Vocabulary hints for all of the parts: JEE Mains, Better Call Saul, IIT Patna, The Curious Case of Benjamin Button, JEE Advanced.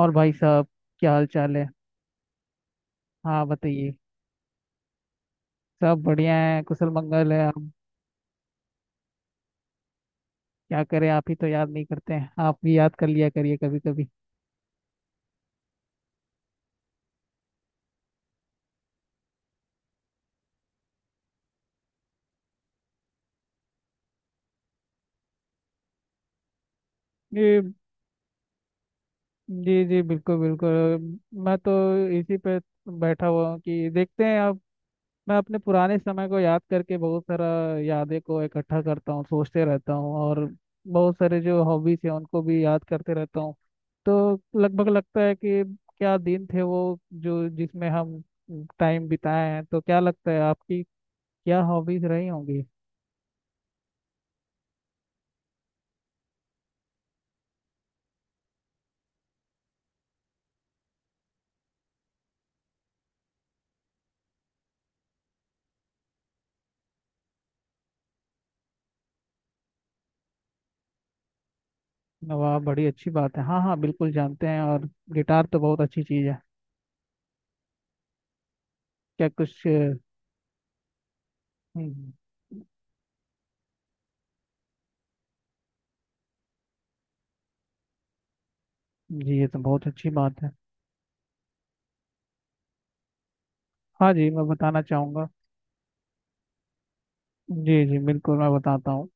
और भाई साहब, क्या हाल चाल है। हाँ, बताइए। सब बढ़िया है, कुशल मंगल है हम। क्या करें, आप ही तो याद नहीं करते हैं। आप भी याद कर लिया करिए कभी कभी। ये। जी जी, बिल्कुल बिल्कुल। मैं तो इसी पे बैठा हुआ हूँ कि देखते हैं। मैं अपने पुराने समय को याद करके बहुत सारा यादें को इकट्ठा करता हूँ, सोचते रहता हूँ, और बहुत सारे जो हॉबीज हैं उनको भी याद करते रहता हूँ। तो लगभग लगता है कि क्या दिन थे वो जो जिसमें हम टाइम बिताए हैं। तो क्या लगता है आपकी क्या हॉबीज रही होंगी। वाह, बड़ी अच्छी बात है। हाँ हाँ, बिल्कुल जानते हैं। और गिटार तो बहुत अच्छी चीज़ है। क्या कुछ। हम्म। जी, ये तो बहुत अच्छी बात है। हाँ जी, मैं बताना चाहूँगा। जी जी, बिल्कुल। मैं बताता हूँ।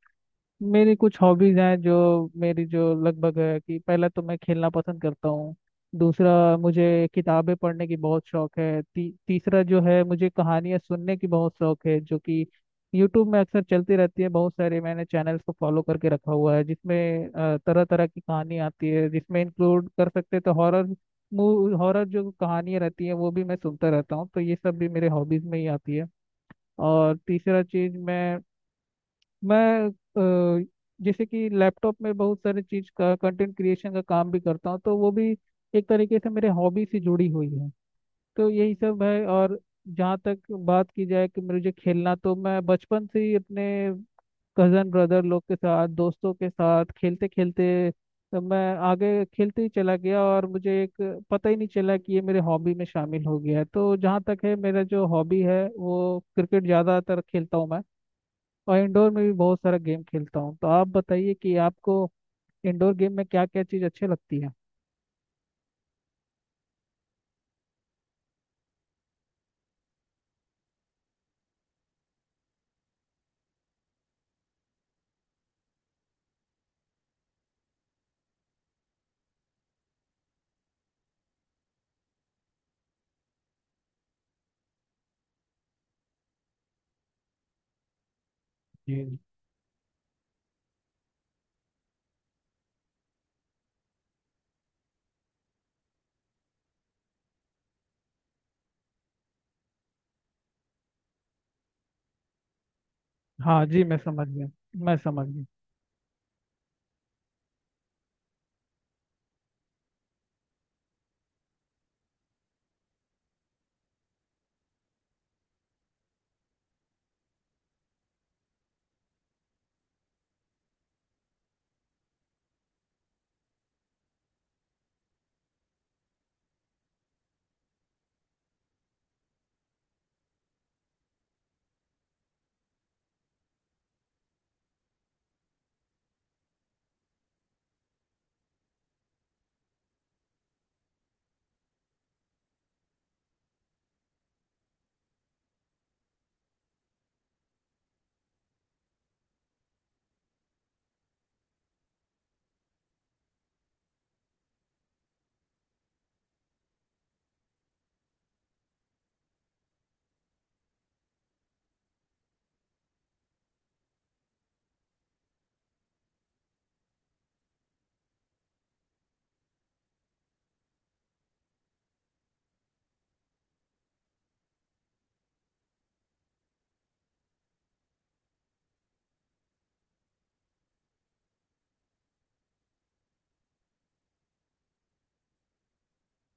मेरी कुछ हॉबीज हैं जो मेरी जो लगभग है कि पहला तो मैं खेलना पसंद करता हूँ। दूसरा, मुझे किताबें पढ़ने की बहुत शौक है। तीसरा जो है, मुझे कहानियाँ सुनने की बहुत शौक है, जो कि यूट्यूब में अक्सर चलती रहती है। बहुत सारे मैंने चैनल्स को फॉलो करके रखा हुआ है, जिसमें तरह तरह की कहानी आती है, जिसमें इंक्लूड कर सकते हैं तो हॉरर, मूव हॉरर जो कहानियाँ रहती हैं, वो भी मैं सुनता रहता हूँ। तो ये सब भी मेरे हॉबीज में ही आती है। और तीसरा चीज मैं अ, जैसे कि लैपटॉप में बहुत सारे चीज का कंटेंट क्रिएशन का काम भी करता हूँ, तो वो भी एक तरीके से मेरे हॉबी से जुड़ी हुई है। तो यही सब है। और जहाँ तक बात की जाए कि मुझे खेलना, तो मैं बचपन से ही अपने कजन ब्रदर लोग के साथ, दोस्तों के साथ खेलते खेलते, तो मैं आगे खेलते ही चला गया और मुझे एक पता ही नहीं चला कि ये मेरे हॉबी में शामिल हो गया है। तो जहाँ तक है, मेरा जो हॉबी है वो क्रिकेट, ज़्यादातर खेलता हूँ मैं। और इंडोर में भी बहुत सारा गेम खेलता हूँ। तो आप बताइए कि आपको इंडोर गेम में क्या क्या चीज़ अच्छी लगती है। जी जी। हाँ जी, मैं समझ गया, मैं समझ गया।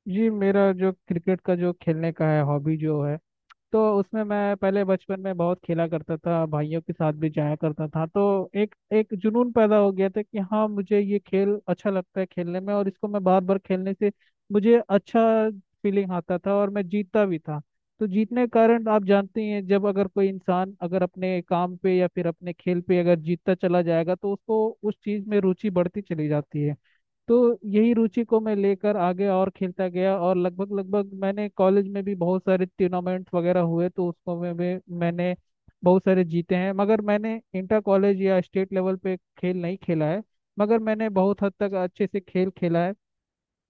जी, मेरा जो क्रिकेट का जो खेलने का है हॉबी जो है, तो उसमें मैं पहले बचपन में बहुत खेला करता था, भाइयों के साथ भी जाया करता था। तो एक एक जुनून पैदा हो गया था कि हाँ, मुझे ये खेल अच्छा लगता है खेलने में, और इसको मैं बार बार खेलने से मुझे अच्छा फीलिंग आता था और मैं जीतता भी था। तो जीतने के कारण आप जानते ही हैं, जब अगर कोई इंसान अगर अपने काम पे या फिर अपने खेल पे अगर जीतता चला जाएगा, तो उसको उस चीज़ में रुचि बढ़ती चली जाती है। तो यही रुचि को मैं लेकर आगे और खेलता गया, और लगभग लगभग मैंने कॉलेज में भी बहुत सारे टूर्नामेंट्स वगैरह हुए, तो उसको में भी मैंने बहुत सारे जीते हैं। मगर मैंने इंटर कॉलेज या स्टेट लेवल पे खेल नहीं खेला है, मगर मैंने बहुत हद तक अच्छे से खेल खेला है।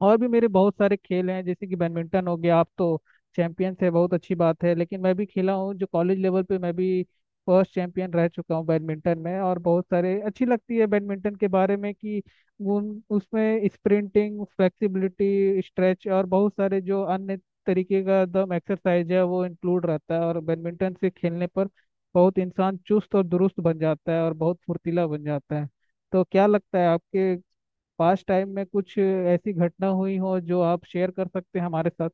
और भी मेरे बहुत सारे खेल हैं, जैसे कि बैडमिंटन हो गया। आप तो चैंपियंस है, बहुत अच्छी बात है। लेकिन मैं भी खेला हूँ, जो कॉलेज लेवल पे मैं भी फर्स्ट चैंपियन रह चुका हूँ बैडमिंटन में। और बहुत सारे अच्छी लगती है बैडमिंटन के बारे में कि उन उसमें स्प्रिंटिंग, फ्लेक्सिबिलिटी, स्ट्रेच और बहुत सारे जो अन्य तरीके का एकदम एक्सरसाइज है, वो इंक्लूड रहता है। और बैडमिंटन से खेलने पर बहुत इंसान चुस्त और दुरुस्त बन जाता है, और बहुत फुर्तीला बन जाता है। तो क्या लगता है, आपके पास्ट टाइम में कुछ ऐसी घटना हुई हो जो आप शेयर कर सकते हैं हमारे साथ।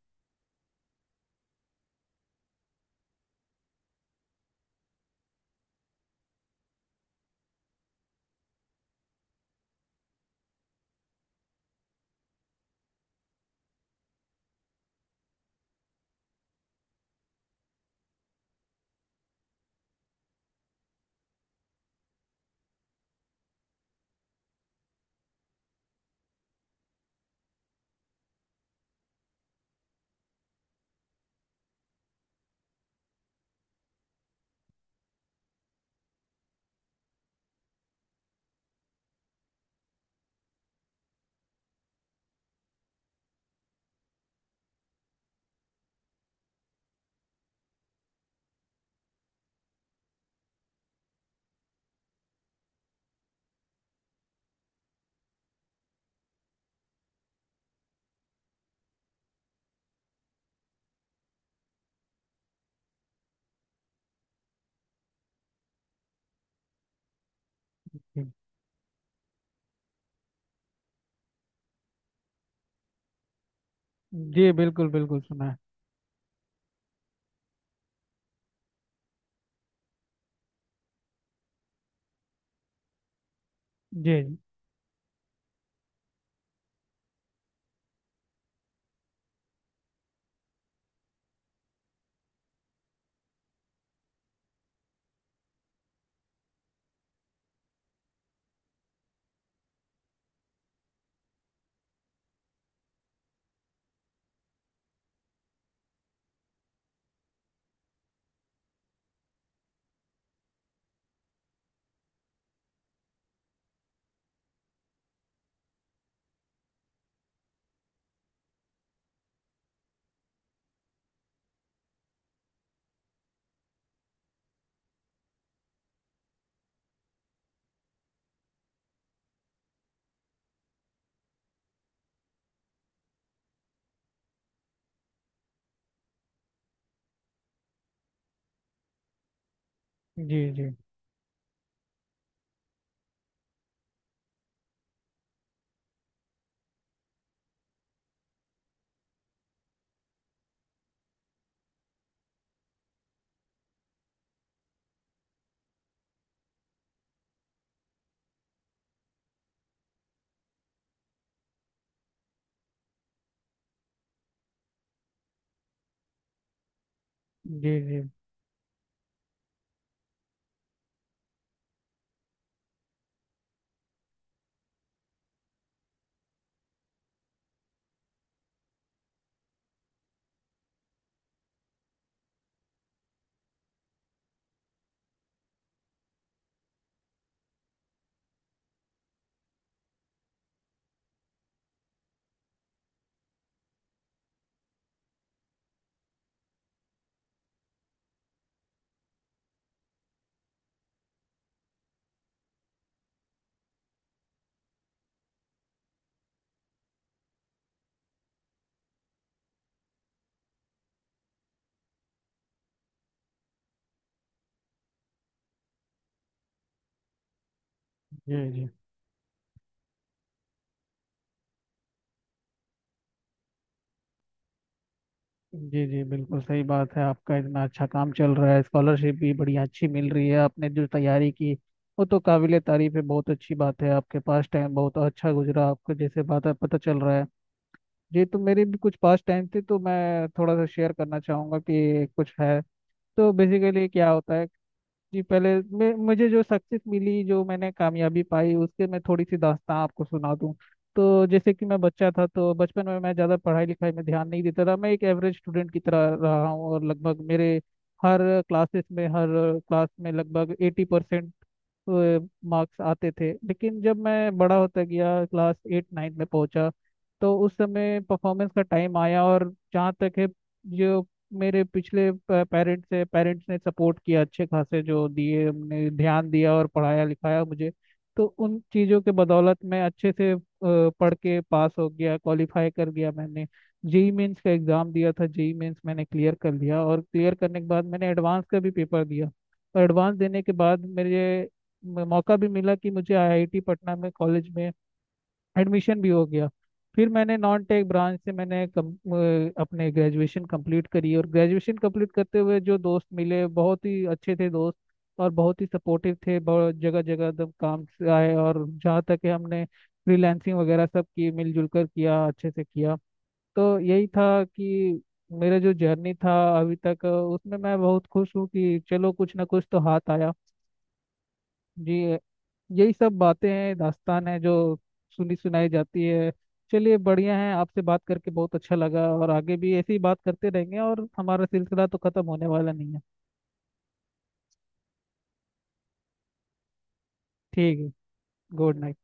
जी जी, बिल्कुल बिल्कुल सुना है। जी जी जी जी, जी जी जी जी जी, बिल्कुल सही बात है। आपका इतना अच्छा काम चल रहा है, स्कॉलरशिप भी बड़ी अच्छी मिल रही है। आपने जो तैयारी की वो तो काबिले तारीफ है। बहुत अच्छी बात है, आपके पास टाइम बहुत अच्छा गुजरा आपको, जैसे बात है पता चल रहा है। जी, तो मेरे भी कुछ पास टाइम थे तो मैं थोड़ा सा शेयर करना चाहूँगा कि कुछ है। तो बेसिकली क्या होता है, जी पहले मैं मुझे जो सक्सेस मिली, जो मैंने कामयाबी पाई, उसके मैं थोड़ी सी दास्तां आपको सुना दूं। तो जैसे कि मैं बच्चा था, तो बचपन में मैं ज़्यादा पढ़ाई लिखाई में ध्यान नहीं देता था। मैं एक एवरेज स्टूडेंट की तरह रहा हूँ, और लगभग मेरे हर क्लासेस में, हर क्लास में लगभग 80% मार्क्स आते थे। लेकिन जब मैं बड़ा होता गया, क्लास एट नाइन्थ में पहुंचा, तो उस समय परफॉर्मेंस का टाइम आया। और जहाँ तक है, जो मेरे पिछले पेरेंट्स ने सपोर्ट किया, अच्छे खासे जो दिए, उनने ध्यान दिया और पढ़ाया लिखाया मुझे। तो उन चीज़ों के बदौलत मैं अच्छे से पढ़ के पास हो गया, क्वालिफाई कर गया मैंने। जेई मेंस का एग्ज़ाम दिया था, जेई मेंस मैंने क्लियर कर लिया, और क्लियर करने के बाद मैंने एडवांस का भी पेपर दिया। और एडवांस देने के बाद मेरे मौका भी मिला कि मुझे आईआईटी पटना में, कॉलेज में एडमिशन भी हो गया। फिर मैंने नॉन टेक ब्रांच से मैंने अपने ग्रेजुएशन कंप्लीट करी। और ग्रेजुएशन कंप्लीट करते हुए जो दोस्त मिले बहुत ही अच्छे थे दोस्त, और बहुत ही सपोर्टिव थे, बहुत जगह जगह एकदम काम से आए। और जहाँ तक कि हमने फ्रीलैंसिंग वगैरह सब की, मिलजुल कर किया, अच्छे से किया। तो यही था कि मेरा जो जर्नी था अभी तक, उसमें मैं बहुत खुश हूँ कि चलो कुछ ना कुछ तो हाथ आया। जी, यही सब बातें हैं, दास्तान है जो सुनी सुनाई जाती है। चलिए बढ़िया है, आपसे बात करके बहुत अच्छा लगा, और आगे भी ऐसे ही बात करते रहेंगे, और हमारा सिलसिला तो खत्म होने वाला नहीं है। ठीक है। Good night.